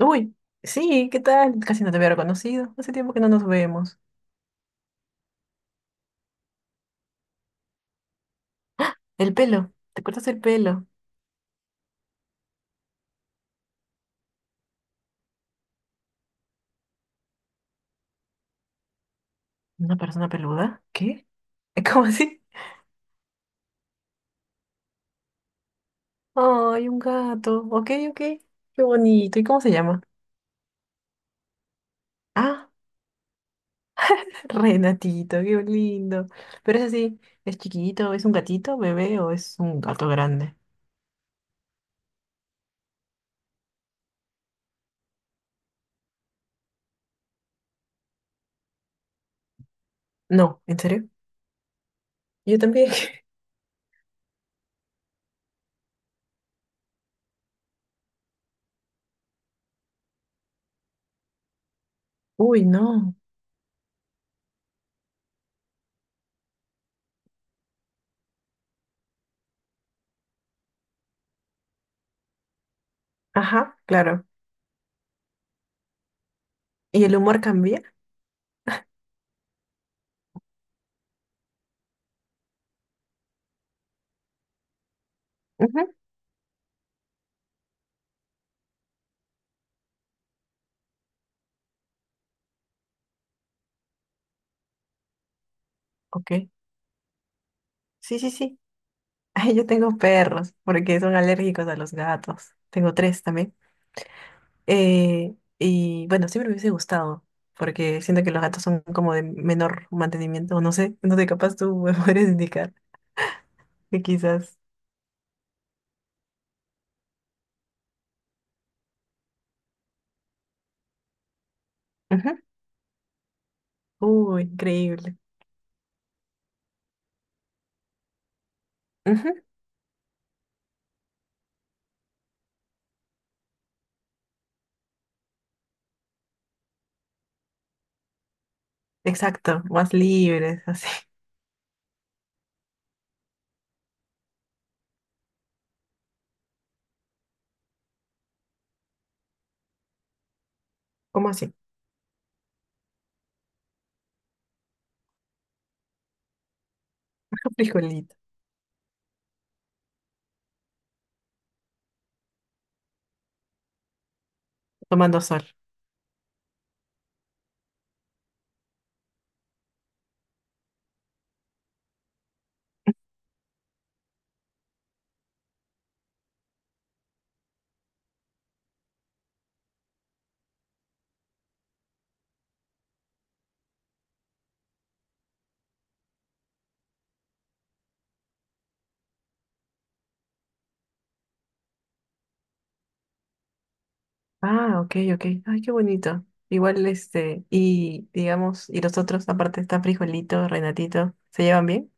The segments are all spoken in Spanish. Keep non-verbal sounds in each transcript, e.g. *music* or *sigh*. Uy, sí, ¿qué tal? Casi no te había reconocido. Hace tiempo que no nos vemos. El pelo, ¿te cortas el pelo? ¿Una persona peluda? ¿Qué? *laughs* ¿Cómo así? Ay, un gato. Ok, ok. Qué bonito. ¿Y cómo se llama? Ah, *laughs* Renatito, qué lindo. Pero es así, ¿es chiquito? ¿Es un gatito, bebé o es un gato grande? No, ¿en serio? Yo también. *laughs* Uy, no. Ajá, claro. ¿Y el humor cambia? Ujú. Ok. Sí, sí, sí. Ay, yo tengo perros, porque son alérgicos a los gatos. Tengo tres también. Y bueno, siempre me hubiese gustado, porque siento que los gatos son como de menor mantenimiento, o no sé, capaz tú me *laughs* puedes indicar que quizás. Ujú. Uy, increíble. Ujú. Exacto, más libres, *laughs* así. ¿Cómo así? *laughs* Frijolito, tomando sol. Ah, ok, ok. Ay, qué bonito. Igual este, y digamos, y los otros, aparte está Frijolito, Renatito, ¿se llevan bien?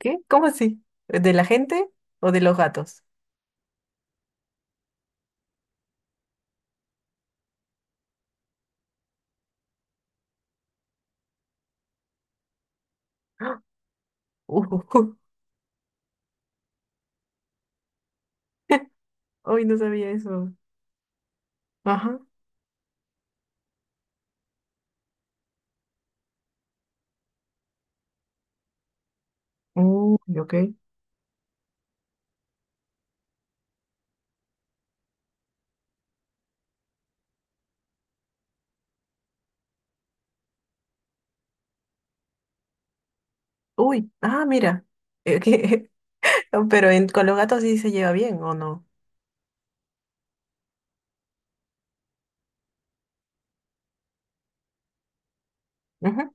¿Qué? ¿Cómo así? ¿De la gente o de los gatos? ¡Ah! Uh, *laughs* Uy, no sabía eso. Ajá. Uy, ok. Uy, ah, mira. Eh, que- *laughs* Pero con los gatos sí se lleva bien, ¿o no? Ujú.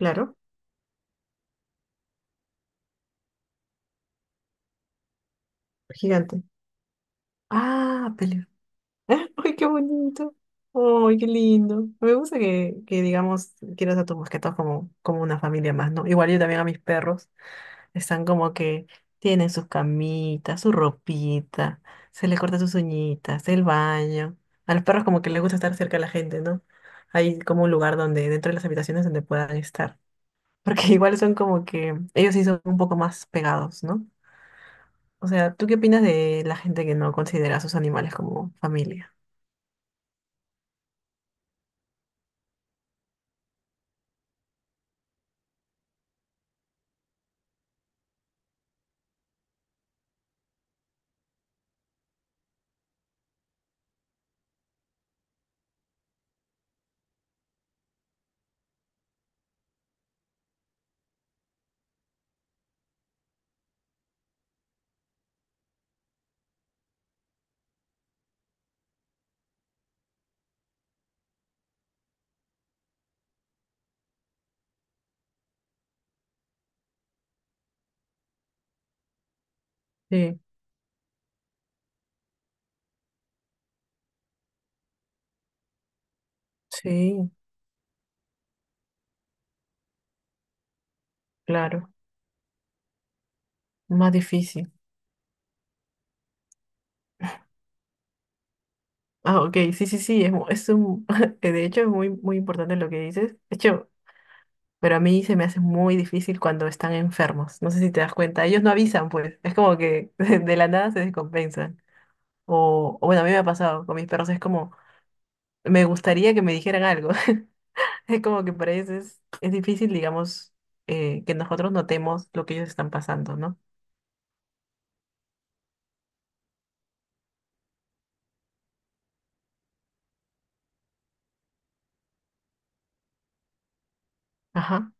Claro, gigante. Ah, peleo. *laughs* Ay, qué bonito. Ay, qué lindo. Me gusta que digamos, quieras a tus mascotas como, como una familia más, ¿no? Igual yo también a mis perros. Están como que tienen sus camitas, su ropita, se les corta sus uñitas, el baño. A los perros como que les gusta estar cerca de la gente, ¿no? Hay como un lugar donde, dentro de las habitaciones donde puedan estar. Porque *laughs* igual son como que, ellos sí son un poco más pegados, ¿no? O sea, ¿tú qué opinas de la gente que no considera a sus animales como familia? Sí, sí, claro. Más difícil. Ah, ok, sí, sí, sí, es *laughs* de hecho es muy, muy importante lo que dices. De hecho, pero a mí se me hace muy difícil cuando están enfermos. No sé si te das cuenta. Ellos no avisan, pues. Es como que *laughs* de la nada se descompensan. O bueno, a mí me ha pasado con mis perros. Es como, me gustaría que me dijeran algo. *laughs* Es como que para ellos es difícil, digamos, que nosotros notemos lo que ellos están pasando, ¿no? Ajá.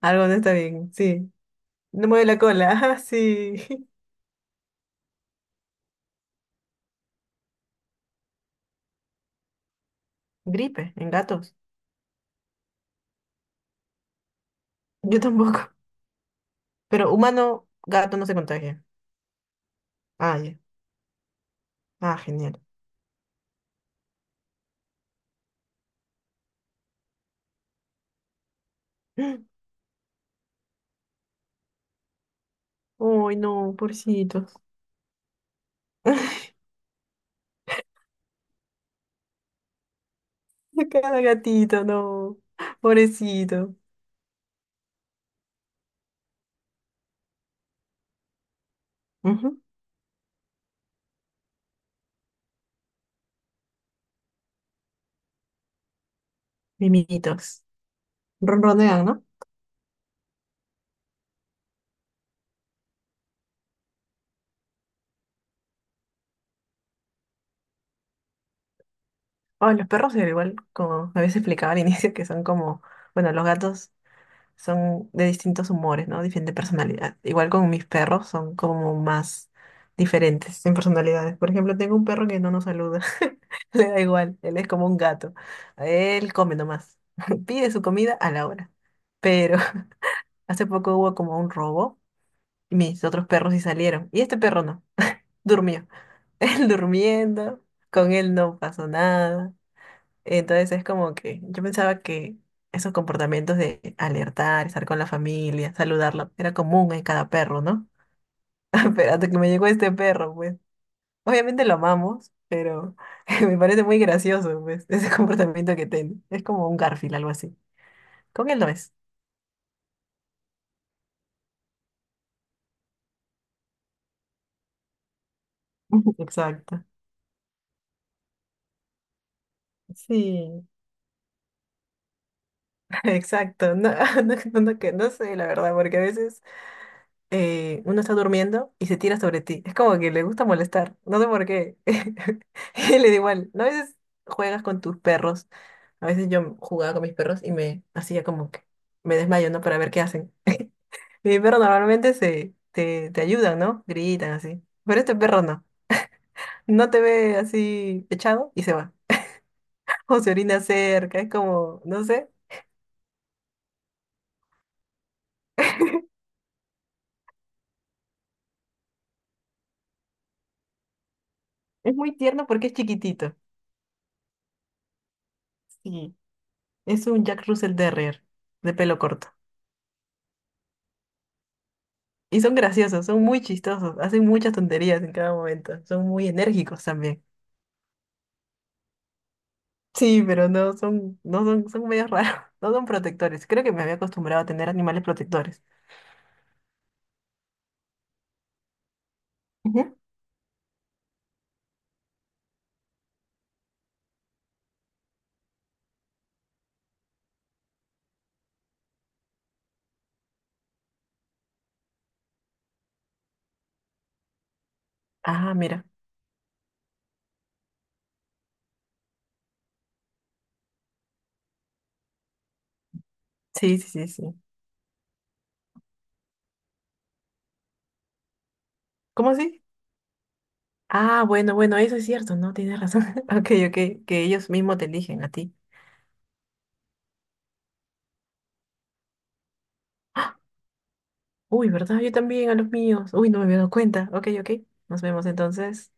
Algo no está bien, sí. No mueve la cola, *laughs* ajá, sí. *laughs* Gripe en gatos. Yo tampoco. Pero humano, gato no se contagia. Ah, ya. Ah, genial. *gasps* Uy, no, pobrecito. *laughs* Cada gatito, no. Pobrecito. Ujú. Mimiditos. Ronronean, ¿no? Ay, los perros eran igual, como a veces explicaba al inicio, que son como, bueno, los gatos son de distintos humores, ¿no? Diferente personalidad. Igual con mis perros son como más diferentes en personalidades. Por ejemplo, tengo un perro que no nos saluda. *laughs* Le da igual, él es como un gato. Él come nomás. *laughs* Pide su comida a la hora. Pero *laughs* hace poco hubo como un robo. Mis otros perros sí salieron. Y este perro no. Durmió. *laughs* Él durmiendo. Con él no pasó nada. Entonces es como que yo pensaba que esos comportamientos de alertar, estar con la familia, saludarla, era común en cada perro, ¿no? *laughs* Pero hasta que me llegó este perro, pues. Obviamente lo amamos, pero *laughs* me parece muy gracioso, pues, *laughs* ese comportamiento que tiene. Es como un Garfield, algo así. Con él no es. *laughs* Exacto. Sí, *laughs* exacto. No, *laughs* no que no sé, la verdad, porque a veces uno está durmiendo y se tira sobre ti. Es como que le gusta molestar. No sé por qué. *laughs* Y le da igual. ¿No? A veces juegas con tus perros. A veces yo jugaba con mis perros y me hacía como que me desmayo, ¿no? Para ver qué hacen. Mi perro normalmente te ayudan, ¿no? Gritan así. Pero este perro no. No te ve así echado y se va. *laughs* O se orina cerca. Es como, no sé. *laughs* Es muy tierno porque es chiquitito. Sí. Es un Jack Russell Terrier de pelo corto. Y son graciosos, son muy chistosos, hacen muchas tonterías en cada momento, son muy enérgicos también. Sí, pero no son, no son, son medio raros, *laughs* no son protectores. Creo que me había acostumbrado a tener animales protectores. Ujú. Ah, mira. Sí, sí, sí, sí. ¿Cómo así? Ah, bueno, bueno, eso es cierto, no, tienes razón. *laughs* Ok, ok, que ellos mismos te eligen a ti. ¡Ah! Uy, ¿verdad? Yo también a los míos. Uy, no me había dado cuenta. Ok, ok. Nos vemos entonces.